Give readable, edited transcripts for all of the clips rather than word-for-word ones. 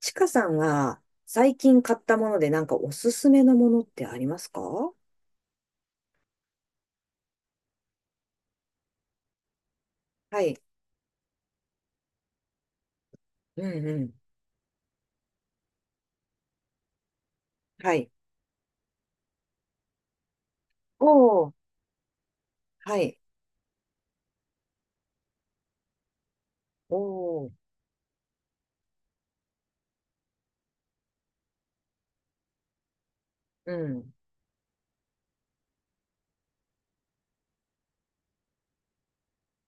ちかさんは最近買ったものでなんかおすすめのものってありますか？はい。うんうん。はい。おー。はい。おー。うん。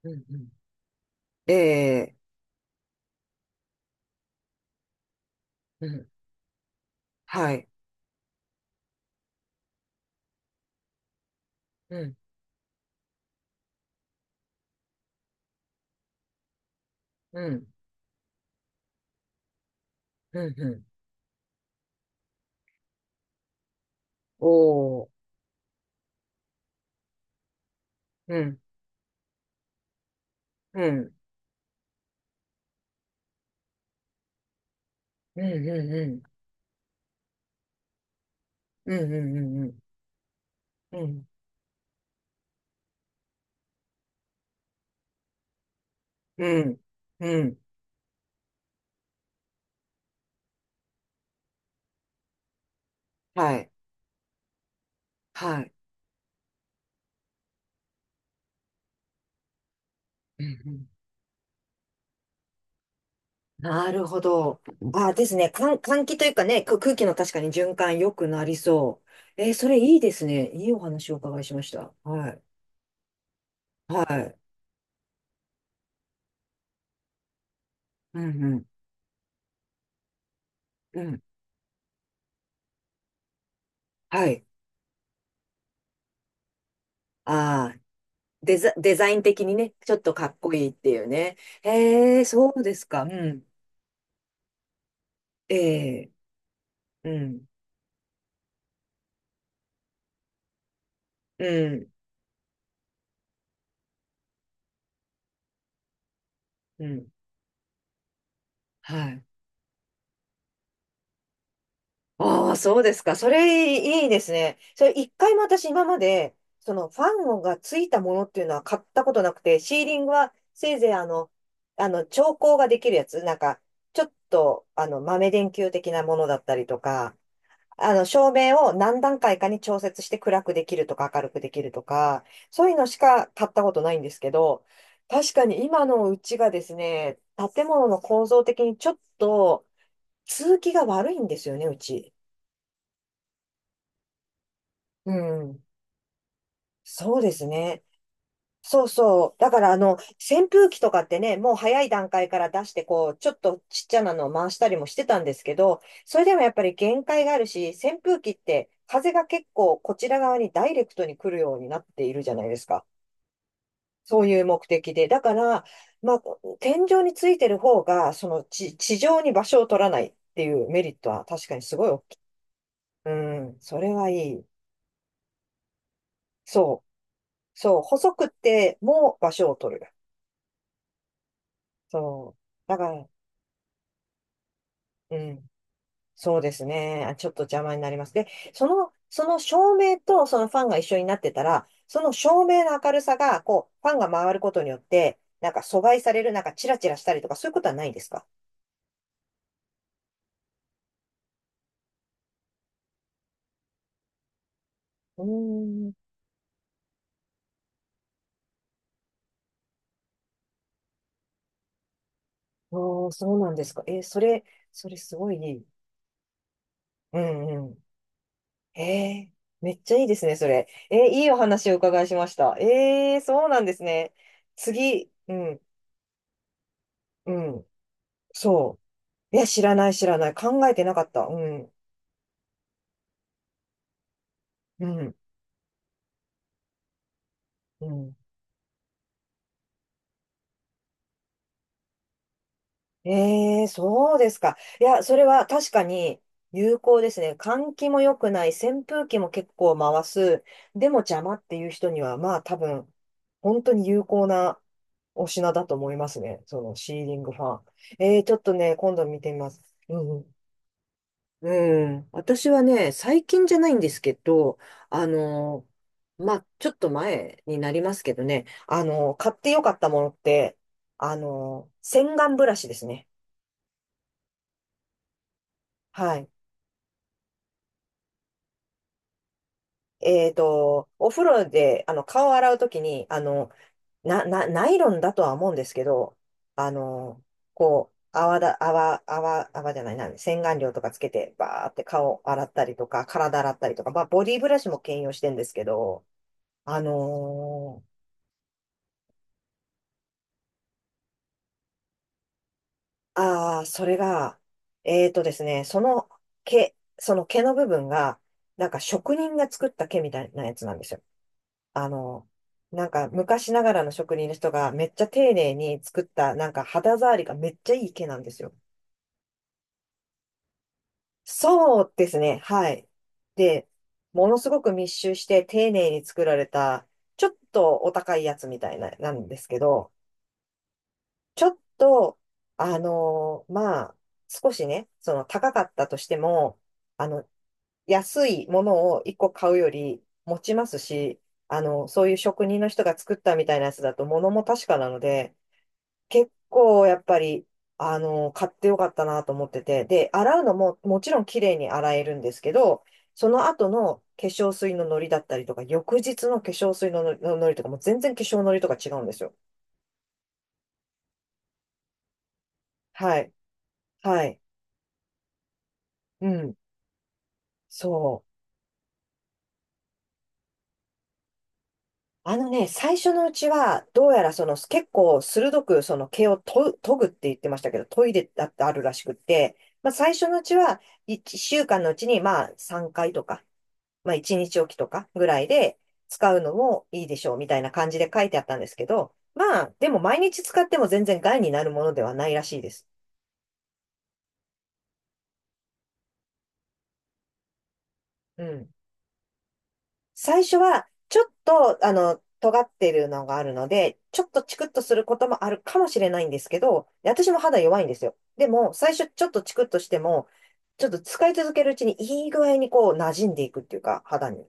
うんうん。ええー。うん。はい。うん。うん。うんうん。おー。うん。うん。うんうんうん。うんうんうんうん。うん。うん。うん。はい。はい。うん。なるほど。あ、ですね。換気というかね、空気の確かに循環良くなりそう。それいいですね。いいお話をお伺いしました。はい。はい。うんうん。うん。はい。ああ、デザイン的にね、ちょっとかっこいいっていうね。へえ、そうですか。うん。ええ、うん。うん。うん。はい。ああ、そうですか。それいいですね。それ一回も私今まで、そのファンがついたものっていうのは買ったことなくて、シーリングはせいぜい調光ができるやつ、なんか、ちょっと、豆電球的なものだったりとか、照明を何段階かに調節して暗くできるとか明るくできるとか、そういうのしか買ったことないんですけど、確かに今のうちがですね、建物の構造的にちょっと、通気が悪いんですよね、うち。うん。そうですね。そうそう。だから、扇風機とかってね、もう早い段階から出して、こう、ちょっとちっちゃなのを回したりもしてたんですけど、それでもやっぱり限界があるし、扇風機って風が結構こちら側にダイレクトに来るようになっているじゃないですか。そういう目的で。だから、まあ、天井についてる方が、地上に場所を取らないっていうメリットは確かにすごい大きい。うん、それはいい。そう。そう、細くっても場所を取る。そう。だから、うん。そうですね。あ、ちょっと邪魔になります。で、その照明とそのファンが一緒になってたら、その照明の明るさが、こう、ファンが回ることによって、なんか阻害される、なんかチラチラしたりとか、そういうことはないんですか？うーん。おー、そうなんですか。それ、それすごいいい。うんうん。えーめっちゃいいですね、それ。いいお話をお伺いしました。そうなんですね。次、うん、うん。そう。いや、知らない、知らない。考えてなかった。うん、うん、うん。ええ、そうですか。いや、それは確かに有効ですね。換気も良くない、扇風機も結構回す。でも邪魔っていう人には、まあ多分、本当に有効なお品だと思いますね。そのシーリングファン。ええ、ちょっとね、今度見てみます。うんうん。うん。私はね、最近じゃないんですけど、あの、まあ、ちょっと前になりますけどね、買ってよかったものって、洗顔ブラシですね。はい。お風呂で、顔を洗うときに、ナイロンだとは思うんですけど、あの、こう、泡だ、泡、泡、泡じゃないな、洗顔料とかつけて、バーって顔洗ったりとか、体洗ったりとか、まあ、ボディブラシも兼用してんですけど、あのーああ、それが、えーとですね、その毛の部分が、なんか職人が作った毛みたいなやつなんですよ。あの、なんか昔ながらの職人の人がめっちゃ丁寧に作った、なんか肌触りがめっちゃいい毛なんですよ。そうですね、はい。で、ものすごく密集して丁寧に作られた、ちょっとお高いやつみたいな、なんですけど、ちょっと、まあ、少しね、その高かったとしても、あの、安いものを一個買うより持ちますし、そういう職人の人が作ったみたいなやつだと物も確かなので、結構やっぱり、買ってよかったなと思ってて、で、洗うのももちろん綺麗に洗えるんですけど、その後の化粧水のノリだったりとか、翌日の化粧水のノリとかも全然化粧ノリとか違うんですよ。はい。はい。うん。そう。あのね、最初のうちは、どうやらその結構鋭くその毛をと研ぐって言ってましたけど、研いでだってあるらしくって、まあ最初のうちは1週間のうちにまあ3回とか、まあ1日おきとかぐらいで使うのもいいでしょうみたいな感じで書いてあったんですけど、まあでも毎日使っても全然害になるものではないらしいです。うん。最初は、ちょっと、尖ってるのがあるので、ちょっとチクッとすることもあるかもしれないんですけど、で私も肌弱いんですよ。でも、最初ちょっとチクッとしても、ちょっと使い続けるうちにいい具合にこう馴染んでいくっていうか、肌に。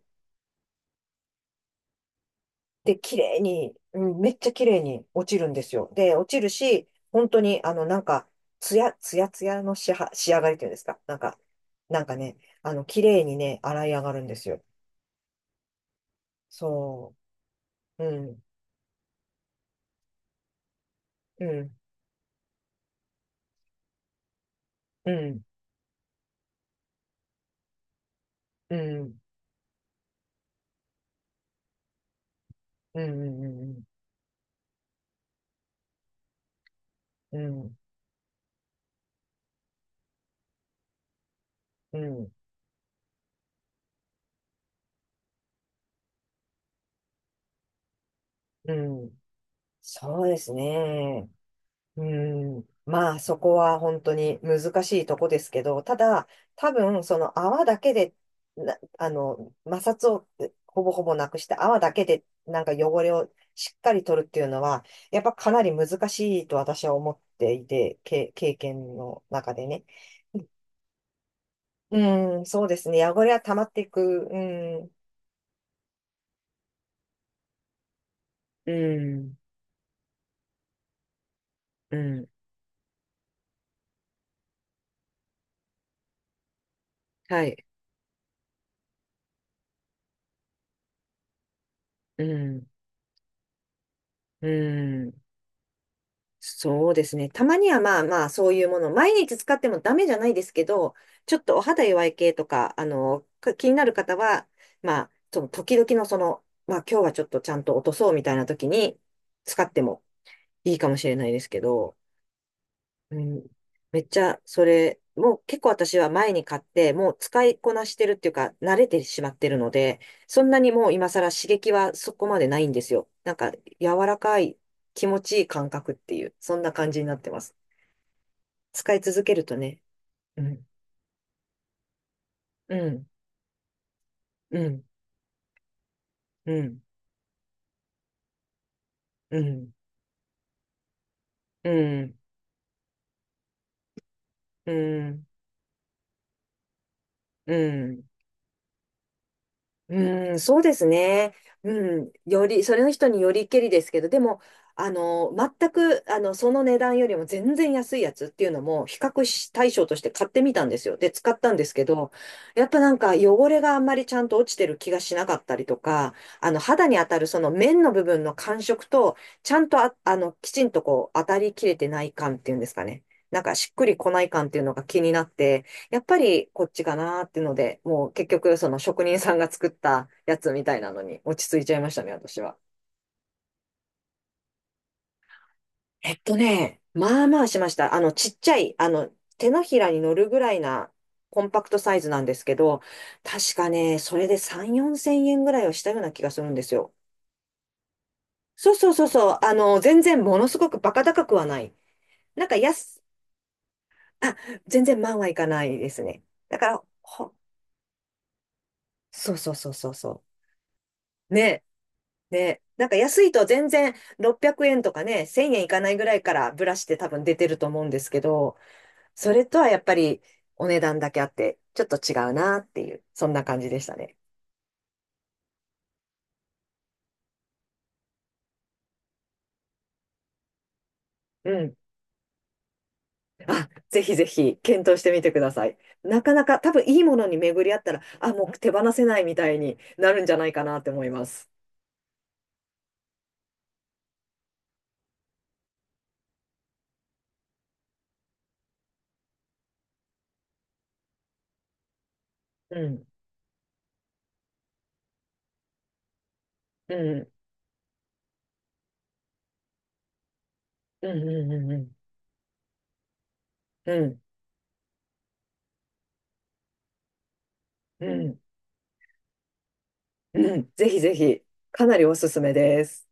で、綺麗に、うん、めっちゃ綺麗に落ちるんですよ。で、落ちるし、本当に、なんか、ツヤツヤの仕上がりっていうんですか。なんかね、綺麗にね、洗い上がるんですよ。そう。うん、うん、うん。うん、うん、うん、うん、うん、うん、うん、そうですね。うん。まあ、そこは本当に難しいとこですけど、ただ、多分、その泡だけで、な、あの、摩擦をほぼほぼなくして泡だけでなんか汚れをしっかり取るっていうのは、やっぱかなり難しいと私は思っていて、経験の中でね。うん、そうですね。汚れは溜まっていく。うん、うん、うん。はい。うんうん。そうですね。たまにはまあまあ、そういうもの、毎日使ってもダメじゃないですけど、ちょっとお肌弱い系とか、気になる方は、まあ、その時々のまあ今日はちょっとちゃんと落とそうみたいな時に使ってもいいかもしれないですけど、うん。めっちゃ、それ、もう結構私は前に買って、もう使いこなしてるっていうか、慣れてしまってるので、そんなにもう今更刺激はそこまでないんですよ。なんか、柔らかい、気持ちいい感覚っていう、そんな感じになってます。使い続けるとね、うん、うん、うん、うん、うん、うん、うん、うん。うん、そうですね。うん、より、それの人によりけりですけど、でも、あの、全く、その値段よりも全然安いやつっていうのも、比較し対象として買ってみたんですよ。で、使ったんですけど、やっぱなんか汚れがあんまりちゃんと落ちてる気がしなかったりとか、肌に当たるその面の部分の感触と、ちゃんときちんとこう、当たりきれてない感っていうんですかね。なんかしっくりこない感っていうのが気になって、やっぱりこっちかなーってので、もう結局その職人さんが作ったやつみたいなのに落ち着いちゃいましたね、私は。まあまあしました。ちっちゃい、手のひらに乗るぐらいなコンパクトサイズなんですけど、確かね、それで3、4千円ぐらいはしたような気がするんですよ。そうそうそうそう、全然ものすごくバカ高くはない。なんか安、あ、全然万はいかないですね。だから、そうそうそうそうそう。ね、ね、なんか安いと全然600円とかね、1000円いかないぐらいからブラシって多分出てると思うんですけど、それとはやっぱりお値段だけあって、ちょっと違うなっていう、そんな感じでしたね。うん。あ、ぜひぜひ検討してみてください。なかなか多分いいものに巡り合ったら、あ、もう手放せないみたいになるんじゃないかなって思います。うん。うん。うん。うん。うん。うん。うん。うん。うん。ぜひぜひ、かなりおすすめです。